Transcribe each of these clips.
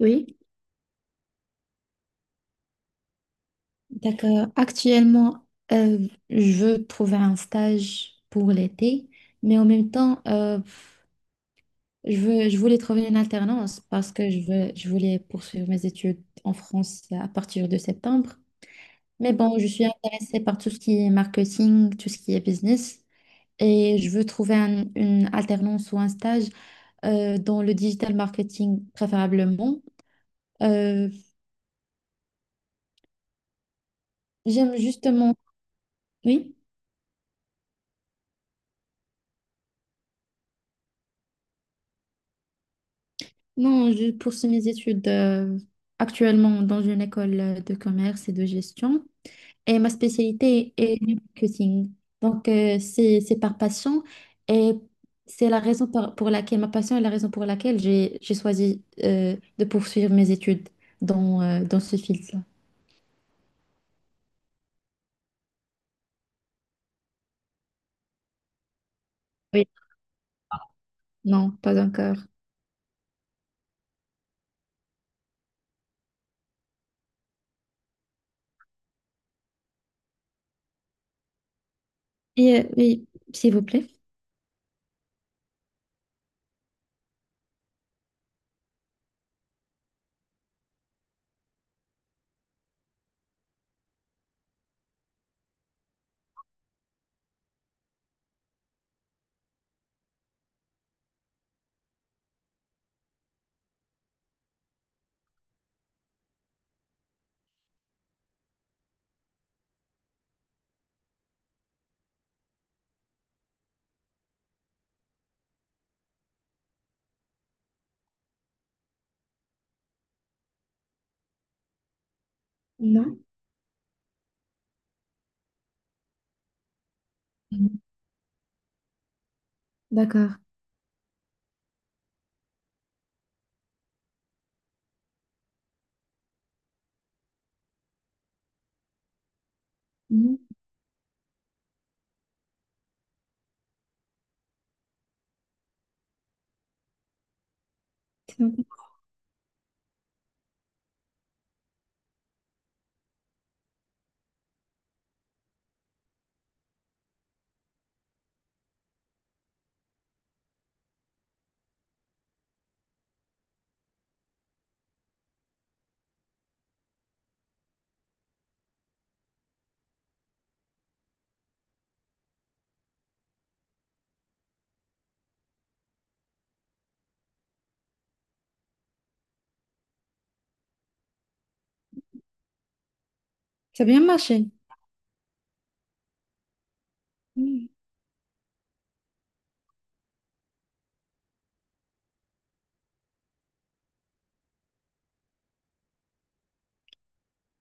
Oui. Donc, actuellement, euh, je veux trouver un stage pour l'été, mais en même temps, je voulais trouver une alternance parce que je voulais poursuivre mes études en France à partir de septembre. Mais bon, je suis intéressée par tout ce qui est marketing, tout ce qui est business, et je veux trouver une alternance ou un stage dans le digital marketing préférablement. Euh, J'aime justement. Oui. Non, je poursuis mes études actuellement dans une école de commerce et de gestion. Et ma spécialité est le marketing. Donc, c'est par passion. Et c'est la raison pour laquelle, ma passion est la raison pour laquelle j'ai choisi de poursuivre mes études dans ce fil-là. Oui. Non, pas encore. Et, oui, s'il vous plaît. Non. Mhm. D'accord. Mhm. C'est bien marché.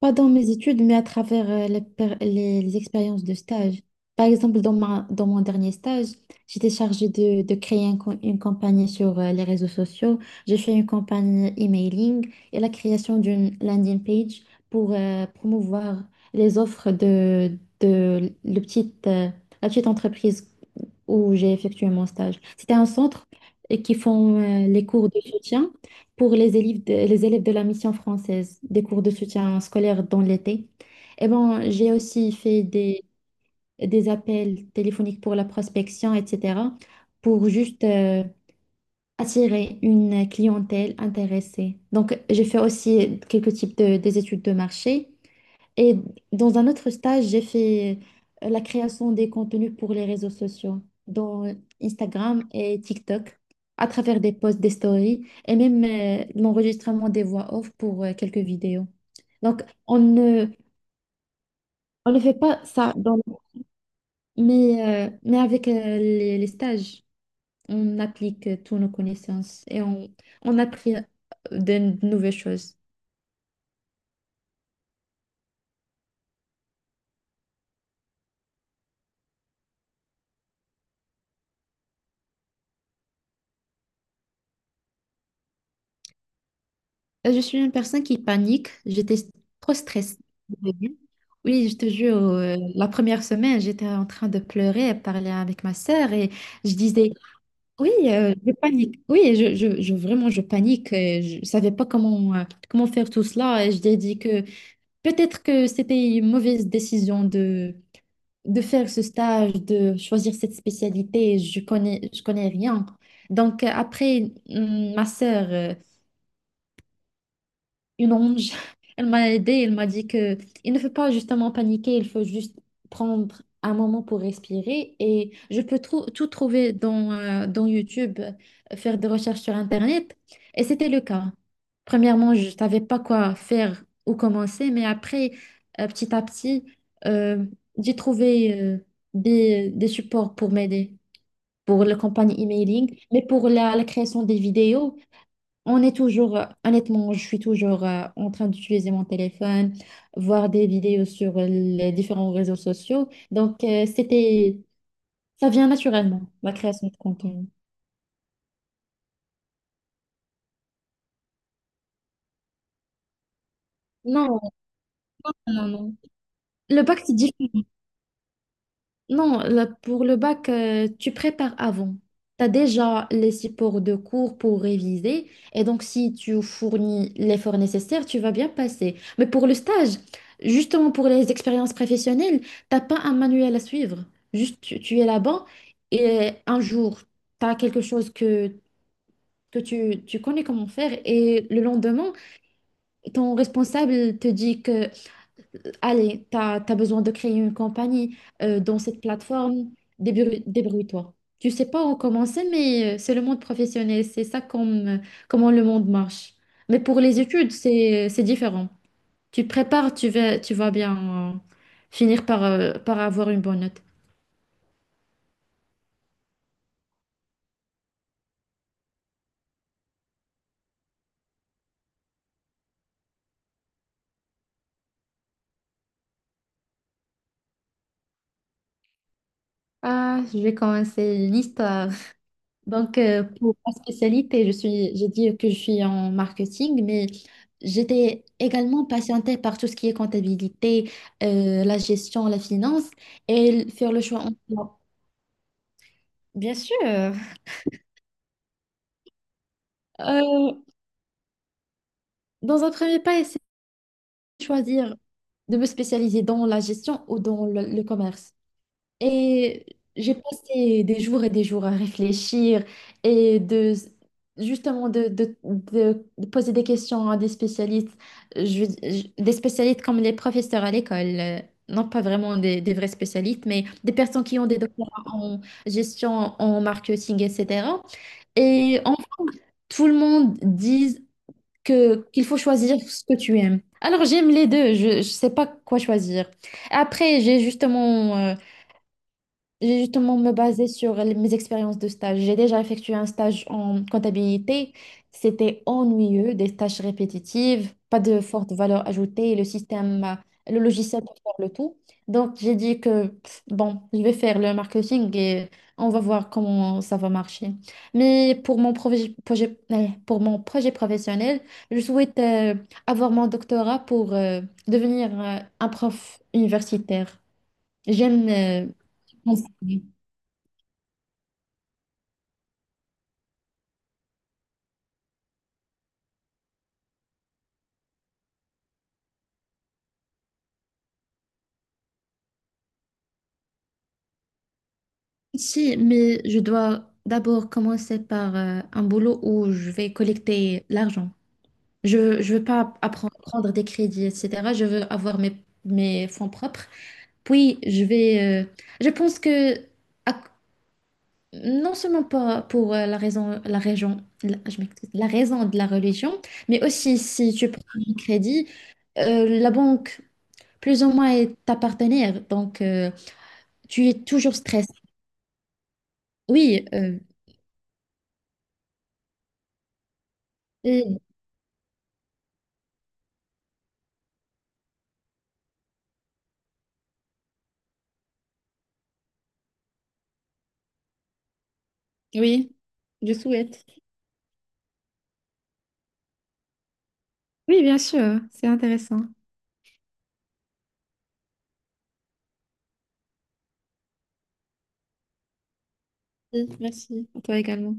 Pas dans mes études, mais à travers les expériences de stage. Par exemple, dans mon dernier stage, j'étais chargée de créer une campagne sur les réseaux sociaux. J'ai fait une campagne emailing et la création d'une landing page pour promouvoir les offres la petite entreprise où j'ai effectué mon stage. C'était un centre qui font les cours de soutien pour les élèves de la mission française, des cours de soutien scolaire dans l'été. Et bon, j'ai aussi fait des appels téléphoniques pour la prospection, etc., pour juste attirer une clientèle intéressée. Donc, j'ai fait aussi des études de marché. Et dans un autre stage, j'ai fait la création des contenus pour les réseaux sociaux, dont Instagram et TikTok, à travers des posts, des stories et même l'enregistrement des voix off pour quelques vidéos. Donc, on ne, on ne fait pas ça, mais avec les stages, on applique toutes nos connaissances et on apprit de, de nouvelles choses. Je suis une personne qui panique, j'étais trop stressée. Oui, je te jure, la première semaine, j'étais en train de pleurer et parler avec ma sœur et je disais, oui, je panique, oui, vraiment, je panique, je ne savais pas comment, comment faire tout cela et je lui ai dit que peut-être que c'était une mauvaise décision de faire ce stage, de choisir cette spécialité, je connais rien. Donc après, ma sœur, une ange. Elle m'a aidée, elle m'a dit que il ne faut pas justement paniquer, il faut juste prendre un moment pour respirer. Et je peux tout trouver dans YouTube, faire des recherches sur Internet. Et c'était le cas. Premièrement, je ne savais pas quoi faire ou commencer, mais après, petit à petit, euh, j'ai trouvé des supports pour m'aider, pour la campagne emailing, mais pour la création des vidéos. Honnêtement, je suis toujours en train d'utiliser mon téléphone, voir des vidéos sur les différents réseaux sociaux. Donc, ça vient naturellement, la création de contenu. Non, non, non. Le pacte. Non, pour le bac, tu prépares avant. Tu as déjà les supports de cours pour réviser. Et donc, si tu fournis l'effort nécessaire, tu vas bien passer. Mais pour le stage, justement pour les expériences professionnelles, t'as pas un manuel à suivre. Juste, tu es là-bas et un jour, tu as quelque chose que tu connais comment faire. Et le lendemain, ton responsable te dit que, allez, tu as besoin de créer une compagnie dans cette plateforme. Débrouille-toi. Tu sais pas où commencer, mais c'est le monde professionnel. C'est ça comme, comment le monde marche. Mais pour les études, c'est différent. Tu prépares, tu vas bien finir par avoir une bonne note. Ah, je vais commencer une histoire. Donc, pour ma spécialité, j'ai dit que je suis en marketing, mais j'étais également passionnée par tout ce qui est comptabilité, la gestion, la finance et faire le choix. en- Bien sûr. Euh, Dans un premier pas, essayer de choisir de me spécialiser dans la gestion ou dans le commerce. Et j'ai passé des jours et des jours à réfléchir et de justement de poser des questions à des spécialistes. Des spécialistes comme les professeurs à l'école, non pas vraiment des vrais spécialistes, mais des personnes qui ont des doctorats en gestion, en marketing, etc. Et en fait, tout le monde dit que qu'il faut choisir ce que tu aimes. Alors j'aime les deux, je ne sais pas quoi choisir. Après, j'ai justement me baser sur mes expériences de stage. J'ai déjà effectué un stage en comptabilité. C'était ennuyeux, des tâches répétitives, pas de forte valeur ajoutée, et le logiciel pour faire le tout. Donc j'ai dit que bon, je vais faire le marketing et on va voir comment ça va marcher. Mais pour mon projet professionnel, je souhaite avoir mon doctorat pour devenir un prof universitaire. J'aime enseigner. Si, mais je dois d'abord commencer par un boulot où je vais collecter l'argent. Je veux pas prendre des crédits, etc. Je veux avoir mes fonds propres. Puis, je pense que... à- non seulement pas pour la raison, je m'excuse, la raison de la religion, mais aussi si tu prends un crédit, la banque, plus ou moins, est ta partenaire. Donc, tu es toujours stressé. Oui. Oui, je souhaite. Oui, bien sûr, c'est intéressant. Oui, merci. À toi également.